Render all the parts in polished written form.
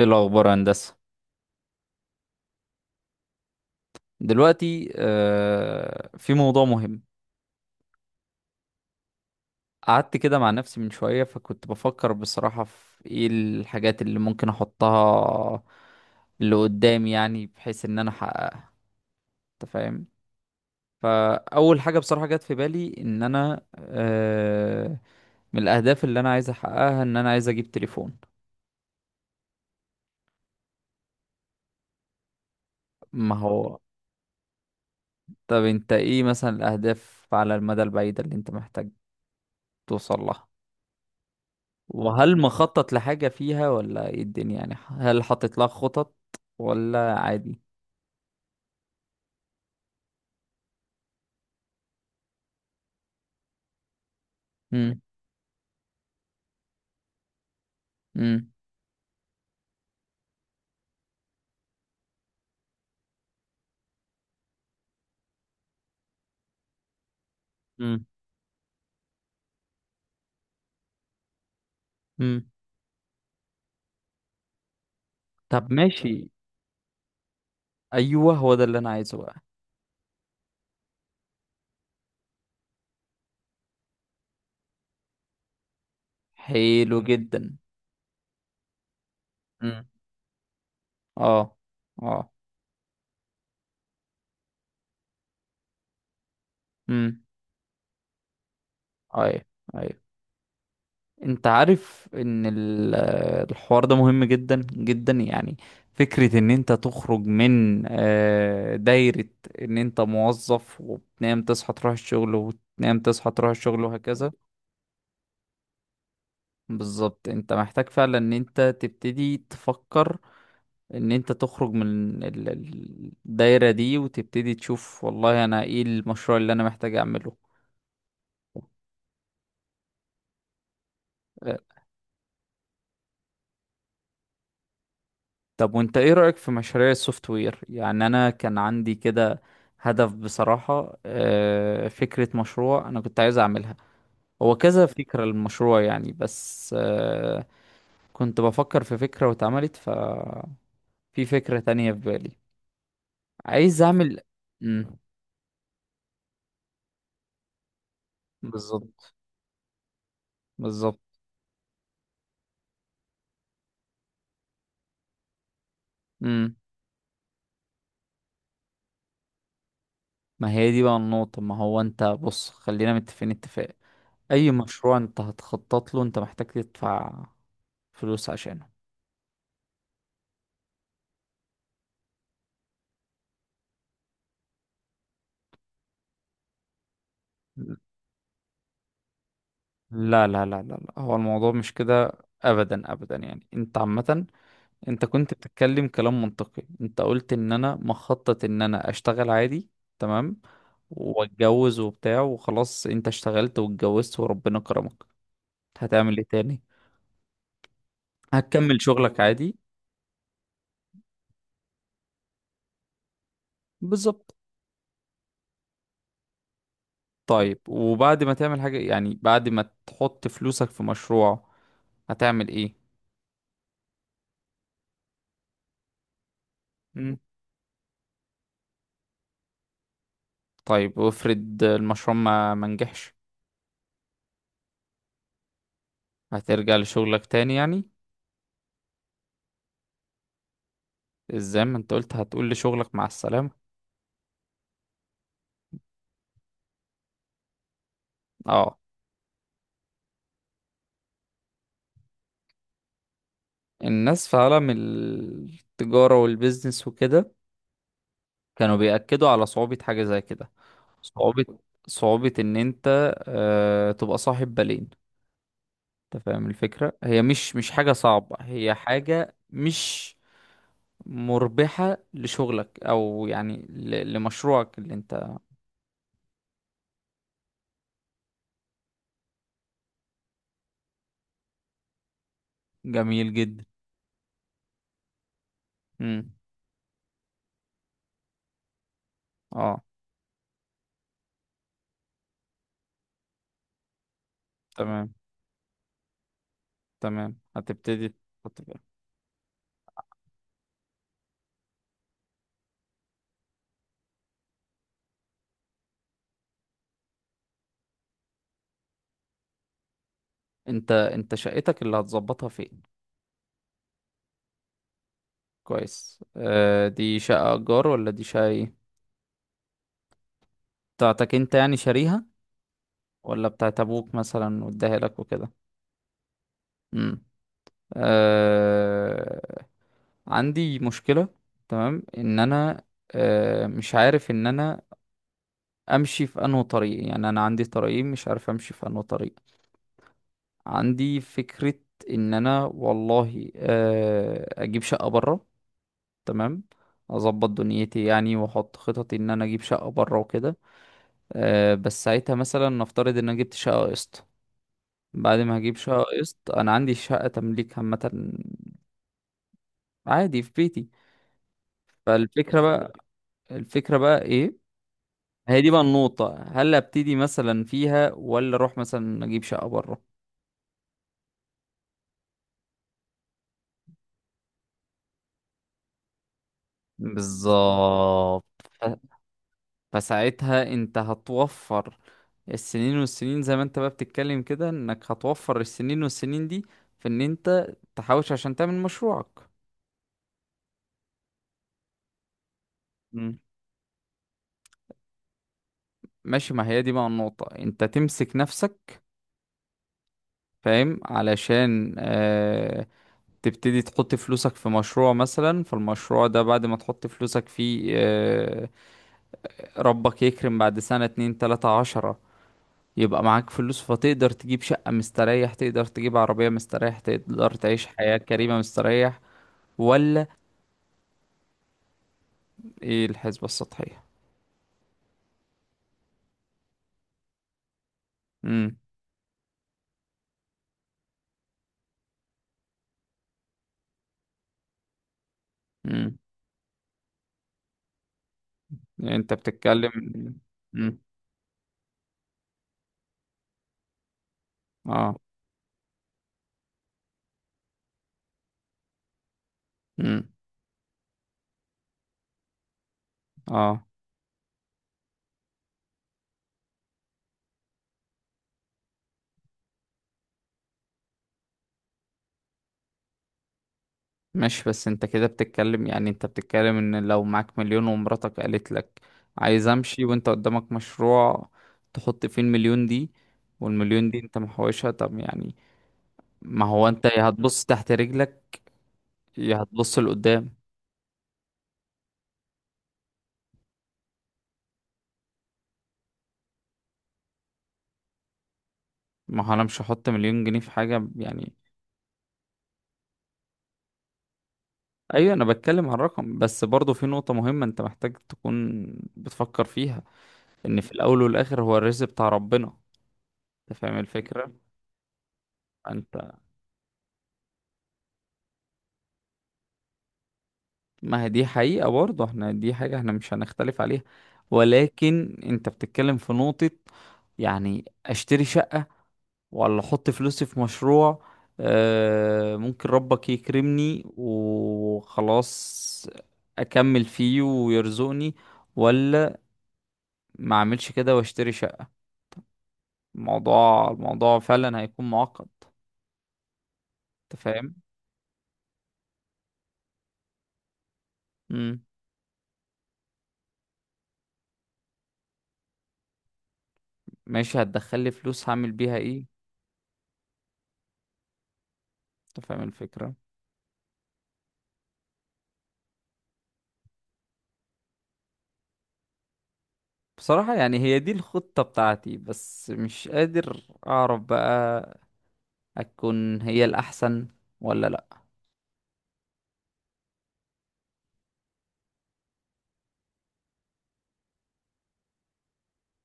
ايه الاخبار يا هندسه؟ دلوقتي في موضوع مهم. قعدت كده مع نفسي من شويه فكنت بفكر بصراحه في ايه الحاجات اللي ممكن احطها اللي قدامي، يعني بحيث ان انا احققها. انت فاهم؟ فاول حاجه بصراحه جت في بالي ان انا من الاهداف اللي انا عايز احققها ان انا عايز اجيب تليفون. ما هو. طب انت ايه مثلا الاهداف على المدى البعيد اللي انت محتاج توصل لها؟ وهل مخطط لحاجة فيها ولا ايه الدنيا؟ يعني هل حاطط لها خطط ولا عادي؟ امم. امم. امم. امم. طب ماشي. ايوه هو ده اللي انا عايزه بقى. حلو جدا. امم. اه. اه. امم. ايوه. ايوه. انت عارف ان الحوار ده مهم جدا جدا، يعني فكرة ان انت تخرج من دايرة ان انت موظف وبتنام تصحى تروح الشغل وبتنام تصحى تروح الشغل وهكذا. بالظبط انت محتاج فعلا ان انت تبتدي تفكر ان انت تخرج من الدايرة دي وتبتدي تشوف والله انا ايه المشروع اللي انا محتاج اعمله. اه. طب وانت ايه رأيك في مشاريع السوفت وير؟ يعني انا كان عندي كده هدف بصراحة، فكرة مشروع انا كنت عايز اعملها، هو كذا فكرة للمشروع يعني. بس كنت بفكر في فكرة واتعملت، ففي فكرة تانية في بالي عايز اعمل. مم. بالظبط. بالظبط. امم. ما هي دي بقى النقطة. ما هو انت بص خلينا متفقين اتفاق، اي مشروع انت هتخطط له انت محتاج تدفع فلوس عشانه. لا لا لا لا لا، هو الموضوع مش كده ابدا ابدا. يعني انت عامة انت كنت بتتكلم كلام منطقي. انت قلت ان انا مخطط ان انا اشتغل عادي. تمام. واتجوز وبتاع وخلاص، انت اشتغلت واتجوزت وربنا كرمك، هتعمل ايه تاني؟ هتكمل شغلك عادي. بالظبط. طيب وبعد ما تعمل حاجة، يعني بعد ما تحط فلوسك في مشروع، هتعمل ايه؟ مم. طيب وافرض المشروع ما نجحش. هترجع لشغلك تاني يعني؟ ازاي ما انت قلت هتقول لشغلك مع السلامة. اه. الناس في عالم التجارة والبيزنس وكده كانوا بيأكدوا على صعوبة حاجة زي كده. صعوبة صعوبة ان انت تبقى صاحب بالين. انت فاهم الفكرة؟ هي مش حاجة صعبة، هي حاجة مش مربحة لشغلك، او يعني لمشروعك اللي انت. جميل جدا. امم. اه. تمام. تمام هتبتدي تحط فيها. انت شقتك اللي هتظبطها فين؟ كويس. دي شقة ايجار ولا دي شقة ايه؟ بتاعتك انت، يعني شاريها، ولا بتاعت ابوك مثلا واداها لك وكده؟ امم. آه. عندي مشكلة. تمام ان انا مش عارف ان انا امشي في انه طريق. يعني انا عندي طريقين مش عارف امشي في انه طريق. عندي فكرة ان انا والله اجيب شقة برا. تمام. اظبط دنيتي، يعني واحط خططي ان انا اجيب شقة برا وكده. بس ساعتها مثلا نفترض ان انا جبت شقة قسط. بعد ما هجيب شقة قسط انا عندي شقة تمليك عامة، عادي في بيتي. فالفكرة بقى، الفكرة بقى ايه؟ هي دي بقى النقطة، هل ابتدي مثلا فيها ولا اروح مثلا اجيب شقة برا؟ بالظبط. فساعتها انت هتوفر السنين والسنين، زي ما انت بقى بتتكلم كده انك هتوفر السنين والسنين دي في ان انت تحوش عشان تعمل مشروعك. مم. ماشي، ما هي دي بقى النقطة، انت تمسك نفسك فاهم علشان تبتدي تحط فلوسك في مشروع مثلا، فالمشروع ده بعد ما تحط فلوسك فيه ربك يكرم بعد سنة اتنين تلاتة عشرة، يبقى معاك فلوس فتقدر تجيب شقة مستريح، تقدر تجيب عربية مستريح، تقدر تعيش حياة كريمة مستريح. ولا؟ ايه الحسبة السطحية؟ امم. امم. يعني انت بتتكلم. امم. اه. امم. اه. ماشي، بس انت كده بتتكلم، يعني انت بتتكلم ان لو معاك مليون ومراتك قالت لك عايز امشي وانت قدامك مشروع تحط فيه المليون دي، والمليون دي انت محوشها طب يعني، ما هو انت يا هتبص تحت رجلك يا هتبص لقدام. ما هو انا مش هحط مليون جنيه في حاجة يعني. ايوه انا بتكلم عن رقم، بس برضه في نقطة مهمة انت محتاج تكون بتفكر فيها، ان في الاول والاخر هو الرزق بتاع ربنا. انت فاهم الفكرة؟ انت، ما هي دي حقيقة برضه، احنا دي حاجة احنا مش هنختلف عليها. ولكن انت بتتكلم في نقطة، يعني اشتري شقة ولا احط فلوسي في مشروع. ممكن ربك يكرمني وخلاص اكمل فيه ويرزقني، ولا ما اعملش كده واشتري شقة. الموضوع فعلا هيكون معقد. انت فاهم؟ امم. ماشي هتدخل لي فلوس، هعمل بيها ايه؟ انت فاهم الفكرة؟ بصراحة يعني هي دي الخطة بتاعتي، بس مش قادر اعرف بقى اكون هي الاحسن ولا لا.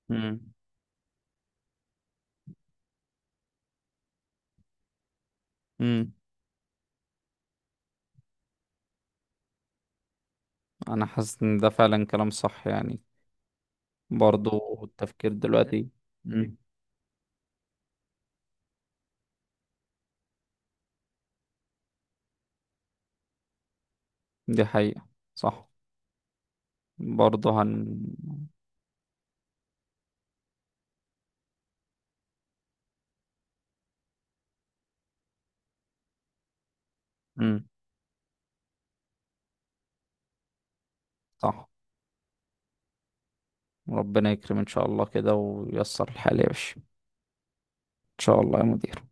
امم. امم. انا حاسس ان ده فعلا كلام صح يعني، برضو التفكير دلوقتي. امم. دي حقيقة. صح. برضو. امم. صح. ربنا يكرم ان شاء الله كده وييسر الحال يا باشا، ان شاء الله يا مدير.